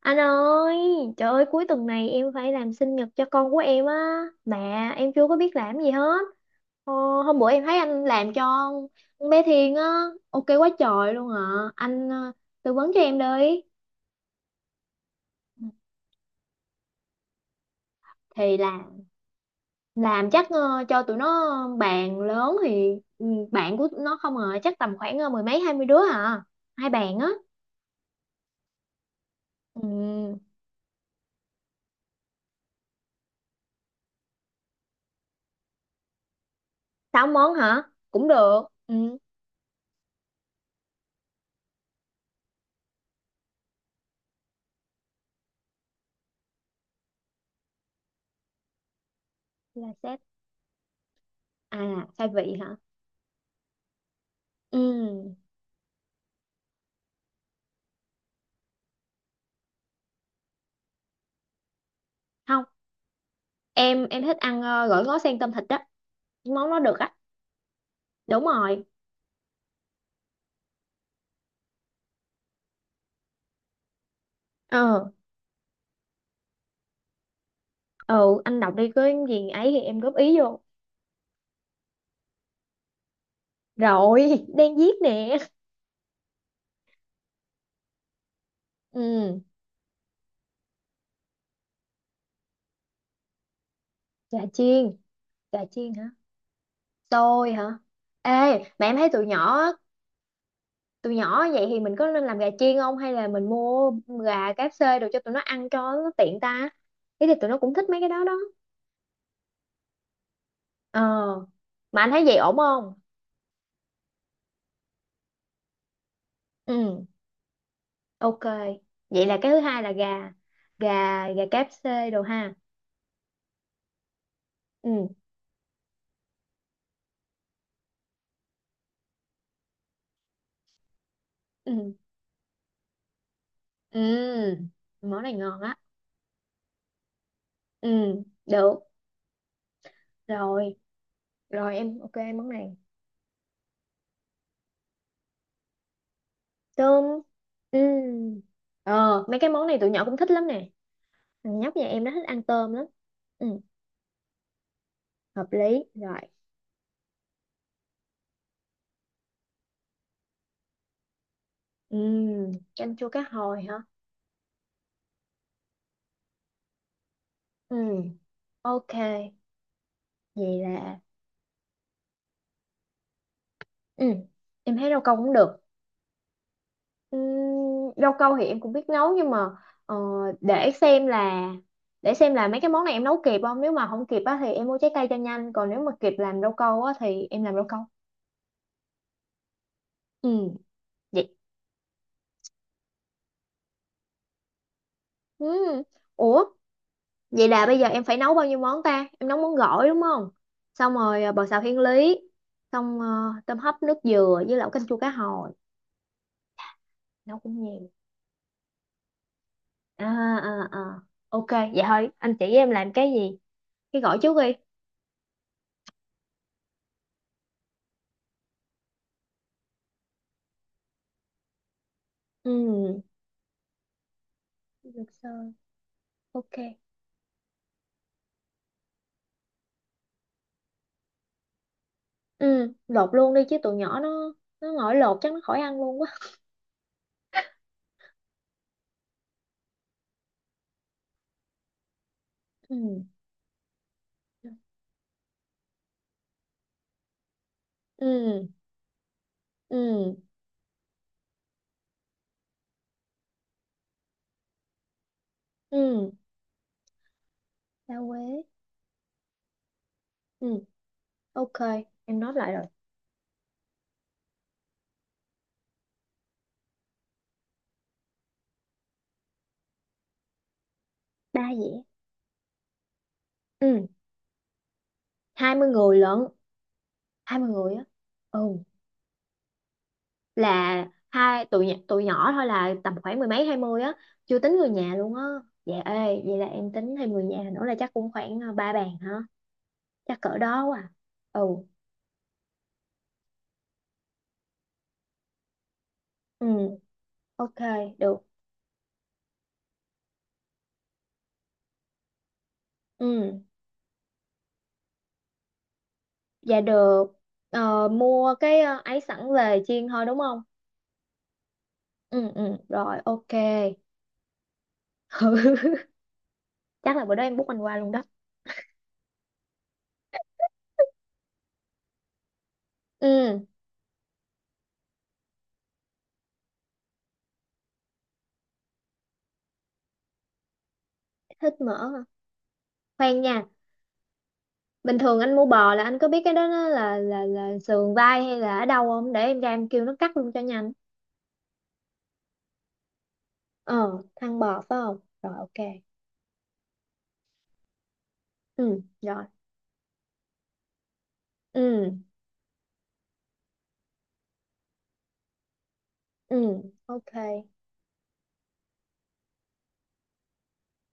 Anh ơi, trời ơi cuối tuần này em phải làm sinh nhật cho con của em á. Mà em chưa có biết làm gì hết. Ờ, hôm bữa em thấy anh làm cho con bé Thiên á, ok quá trời luôn ạ. Anh tư vấn cho em đi. Thì là làm chắc cho tụi nó bàn lớn thì ừ, bạn của tụi nó không à, chắc tầm khoảng mười mấy hai mươi đứa hả? Hai bàn á. Ừ, sáu món hả? Cũng được. Ừ, là set à, khai vị hả? Ừ. Không em thích ăn gỏi ngó sen tôm thịt á. Cái món nó được á. Đúng rồi. Ờ. Ừ, anh đọc đi có gì ấy thì em góp ý vô. Rồi đang viết nè. Ừ. Chà chiên. Chà chiên hả? Xôi hả? Ê, mà em thấy tụi nhỏ vậy thì mình có nên làm gà chiên không hay là mình mua gà KFC rồi cho tụi nó ăn cho nó tiện ta, thế thì tụi nó cũng thích mấy cái đó đó. Ờ, mà anh thấy vậy ổn không? Ừ, ok. Vậy là cái thứ hai là gà gà gà KFC đồ ha. Ừ. Ừ. Ừ, món này ngon á. Ừ, được rồi. Rồi, em ok món này. Tôm. Ừ. Ờ, mấy cái món này tụi nhỏ cũng thích lắm nè, thằng nhóc nhà em nó thích ăn tôm lắm. Ừ, hợp lý rồi. Ừ. Canh chua cá hồi hả? Ừ, ok. Vậy là ừ, em thấy rau câu cũng được. Ừm, rau câu thì em cũng biết nấu nhưng mà ờ, để xem là, để xem là mấy cái món này em nấu kịp không, nếu mà không kịp á thì em mua trái cây cho nhanh, còn nếu mà kịp làm rau câu á thì em làm rau câu. Ừ, vậy. Ừ. Ủa, vậy là bây giờ em phải nấu bao nhiêu món ta, em nấu món gỏi đúng không, xong rồi bò xào thiên lý, xong tôm hấp nước dừa với lẩu canh chua cá hồi. Nấu cũng nhiều. À. À à. Ok vậy thôi anh chỉ em làm cái gì cái gỏi trước đi. Ừ, được rồi. Ok. Ừ, lột luôn đi chứ tụi nhỏ nó ngồi lột chắc nó khỏi ăn luôn quá. Ừ. Ừ. Ừ. Ừ. Rau quế. Ừ, ok, em nói lại rồi. Ba dĩa. Ừ, hai mươi người lận. Hai mươi người á. Ừ, là hai tụi nhỏ thôi là tầm khoảng mười mấy hai mươi á, chưa tính người nhà luôn á. Dạ, ê vậy là em tính thêm người nhà nữa là chắc cũng khoảng ba bàn hả? Chắc cỡ đó quá à. Ừ. Ừ. Ok. Được. Ừ. Dạ được. Ờ, mua cái ấy sẵn về chiên thôi đúng không? Ừ. Ừ, rồi ok. Chắc là bữa đó em bút anh qua luôn đó. Ừ, thích mỡ hả? Khoan nha. Bình thường anh mua bò là anh có biết cái đó nó là là sườn vai hay là ở đâu không, để em ra em kêu nó cắt luôn cho nhanh. Ờ, thăn bò phải không? Rồi ok. Ừ, rồi. Ừ. Ừ, ok.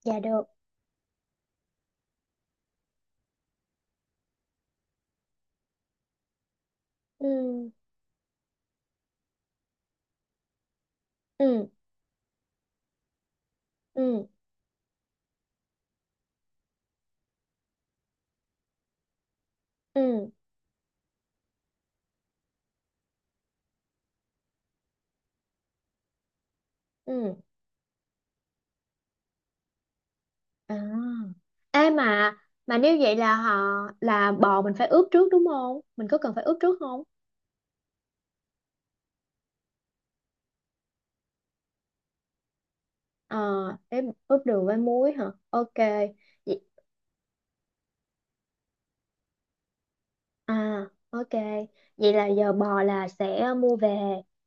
Dạ được. Ừ. Ừ. Ừ. Ừ. Ừ. À. Ê mà nếu vậy là họ, là bò mình phải ướp trước đúng không? Mình có cần phải ướp trước không? Ờ, để ướp đường với muối hả? Ok. Vậy, à, ok. Vậy là giờ bò là sẽ mua về,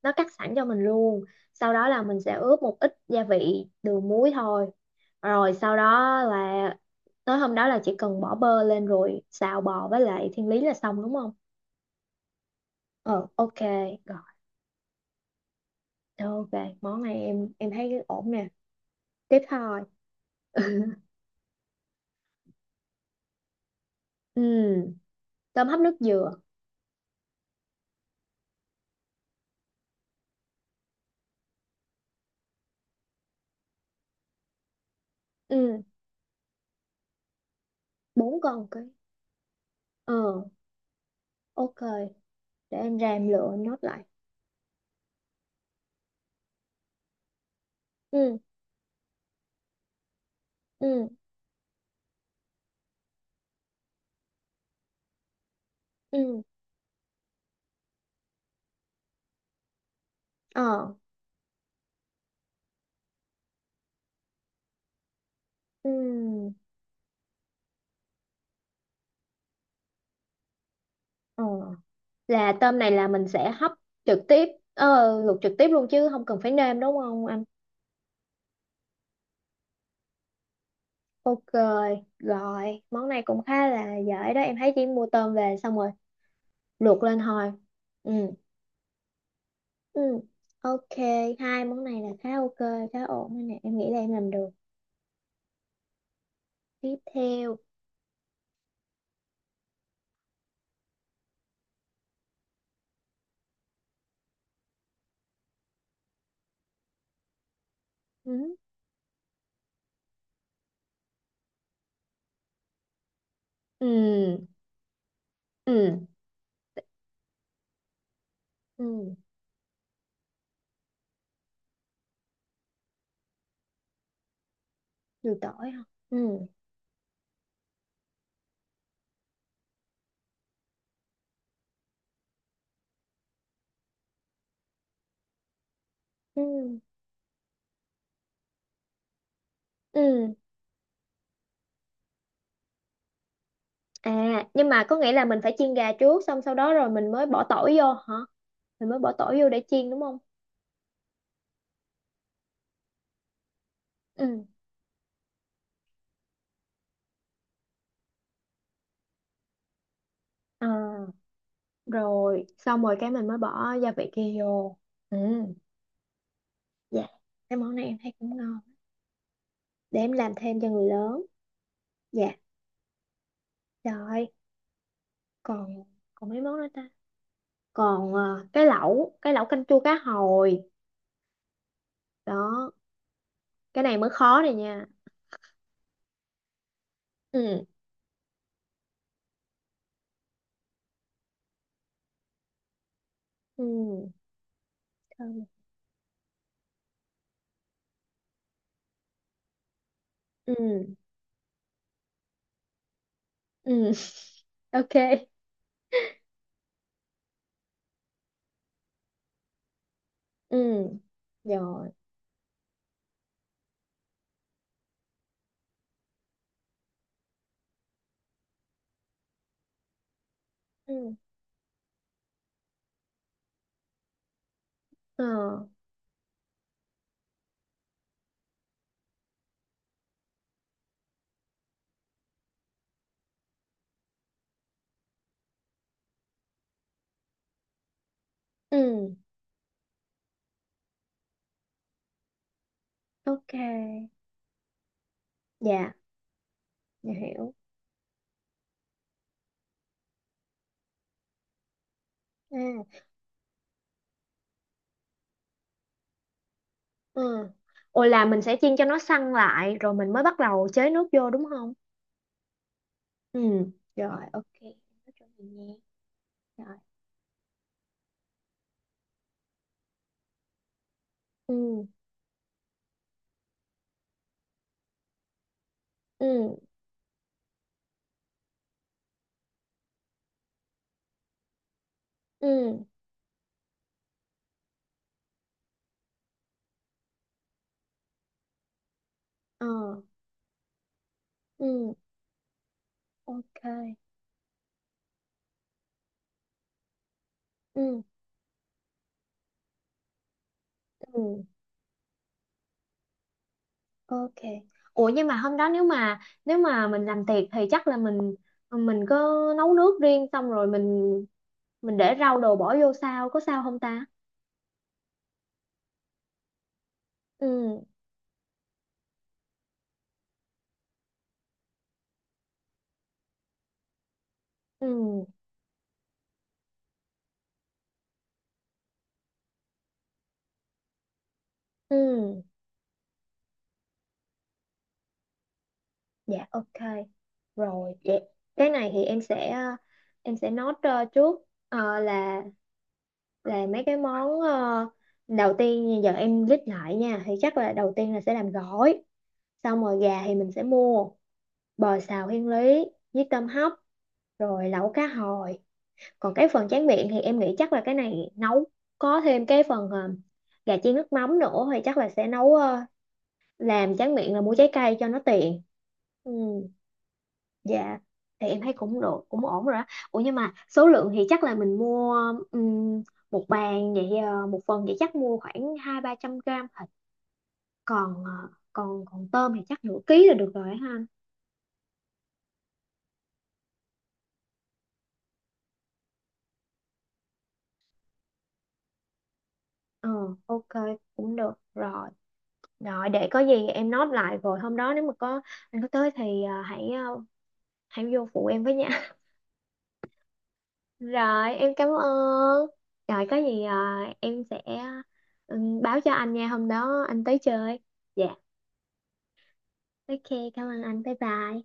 nó cắt sẵn cho mình luôn. Sau đó là mình sẽ ướp một ít gia vị đường muối thôi. Rồi sau đó là tới hôm đó là chỉ cần bỏ bơ lên rồi xào bò với lại thiên lý là xong đúng không? Ờ, ok. Rồi, ok. Món này em thấy ổn nè. Tiếp thôi. Ừ. Tôm hấp nước dừa. Ừ. Bốn con cái. Ờ, ok, để em ra em lựa nốt lại. Ừ. Ừ. Ừ. Ờ. Ừ. Ờ, là tôm này là mình sẽ hấp trực tiếp, ờ, luộc trực tiếp luôn chứ không cần phải nêm đúng không anh? Ok. Rồi món này cũng khá là dễ đó, em thấy chỉ mua tôm về xong rồi luộc lên thôi. Ừ. Ừ, ok. Hai món này là khá ok, khá ổn đây nè, em nghĩ là em làm được. Tiếp theo. Ừ. Ừ. Ừ. Ừ. Nhiều tỏi hả? Ừ. Ừ. Ừ. À nhưng mà có nghĩa là mình phải chiên gà trước xong sau đó rồi mình mới bỏ tỏi vô hả, mình mới bỏ tỏi vô để chiên đúng không? Ừ. À, rồi xong rồi cái mình mới bỏ gia vị kia vô. Ừ. Dạ, cái món này em thấy cũng ngon, để em làm thêm cho người lớn. Dạ. Rồi. Còn, còn mấy món nữa ta, còn cái lẩu, cái lẩu canh chua cá hồi đó. Cái này mới khó này nha. Ừ. Ừ. Ừ. Ừ. Ok. Ừ. Rồi. Ừ. Ờ. Ừ. Ok. Dạ. Dạ hiểu. À. Ừ. Ồ, là mình sẽ chiên cho nó săn lại rồi mình mới bắt đầu chế nước vô đúng không? Ừ. Rồi ok em. Nói chung thì nghe. Rồi. Ừ. Ừ. Ừ. Ờ. Ừ. Ok. Ừ. Ừ. Ok. Ủa nhưng mà hôm đó nếu mà, nếu mà mình làm tiệc thì chắc là mình có nấu nước riêng xong rồi mình để rau đồ bỏ vô sao, có sao không ta? Ừ. Ừ. Ừ. Dạ ok. Rồi vậy. Cái này thì em sẽ em sẽ note trước ờ, là là mấy cái món đầu tiên, như giờ em list lại nha, thì chắc là đầu tiên là sẽ làm gỏi, xong rồi gà thì mình sẽ mua, bò xào thiên lý với tôm hấp, rồi lẩu cá hồi. Còn cái phần tráng miệng thì em nghĩ chắc là cái này nấu có thêm cái phần gà chiên nước mắm nữa, thì chắc là sẽ nấu làm tráng miệng là mua trái cây cho nó tiện. Ừ. Dạ. Thì em thấy cũng được, cũng ổn rồi đó. Ủa nhưng mà số lượng thì chắc là mình mua, ừm, một bàn vậy, ờ, một phần vậy chắc mua khoảng hai ba trăm gram thịt, còn còn, còn tôm thì chắc nửa ký là được rồi ha anh? Ờ, ok, cũng được rồi. Rồi để có gì em nốt lại, rồi hôm đó nếu mà có anh có tới thì hãy, hãy vô phụ em với nha. Rồi, em cảm ơn. Rồi, có gì à, em sẽ, ừ, báo cho anh nha, hôm đó anh tới chơi. Dạ, ok, cảm ơn anh, bye bye.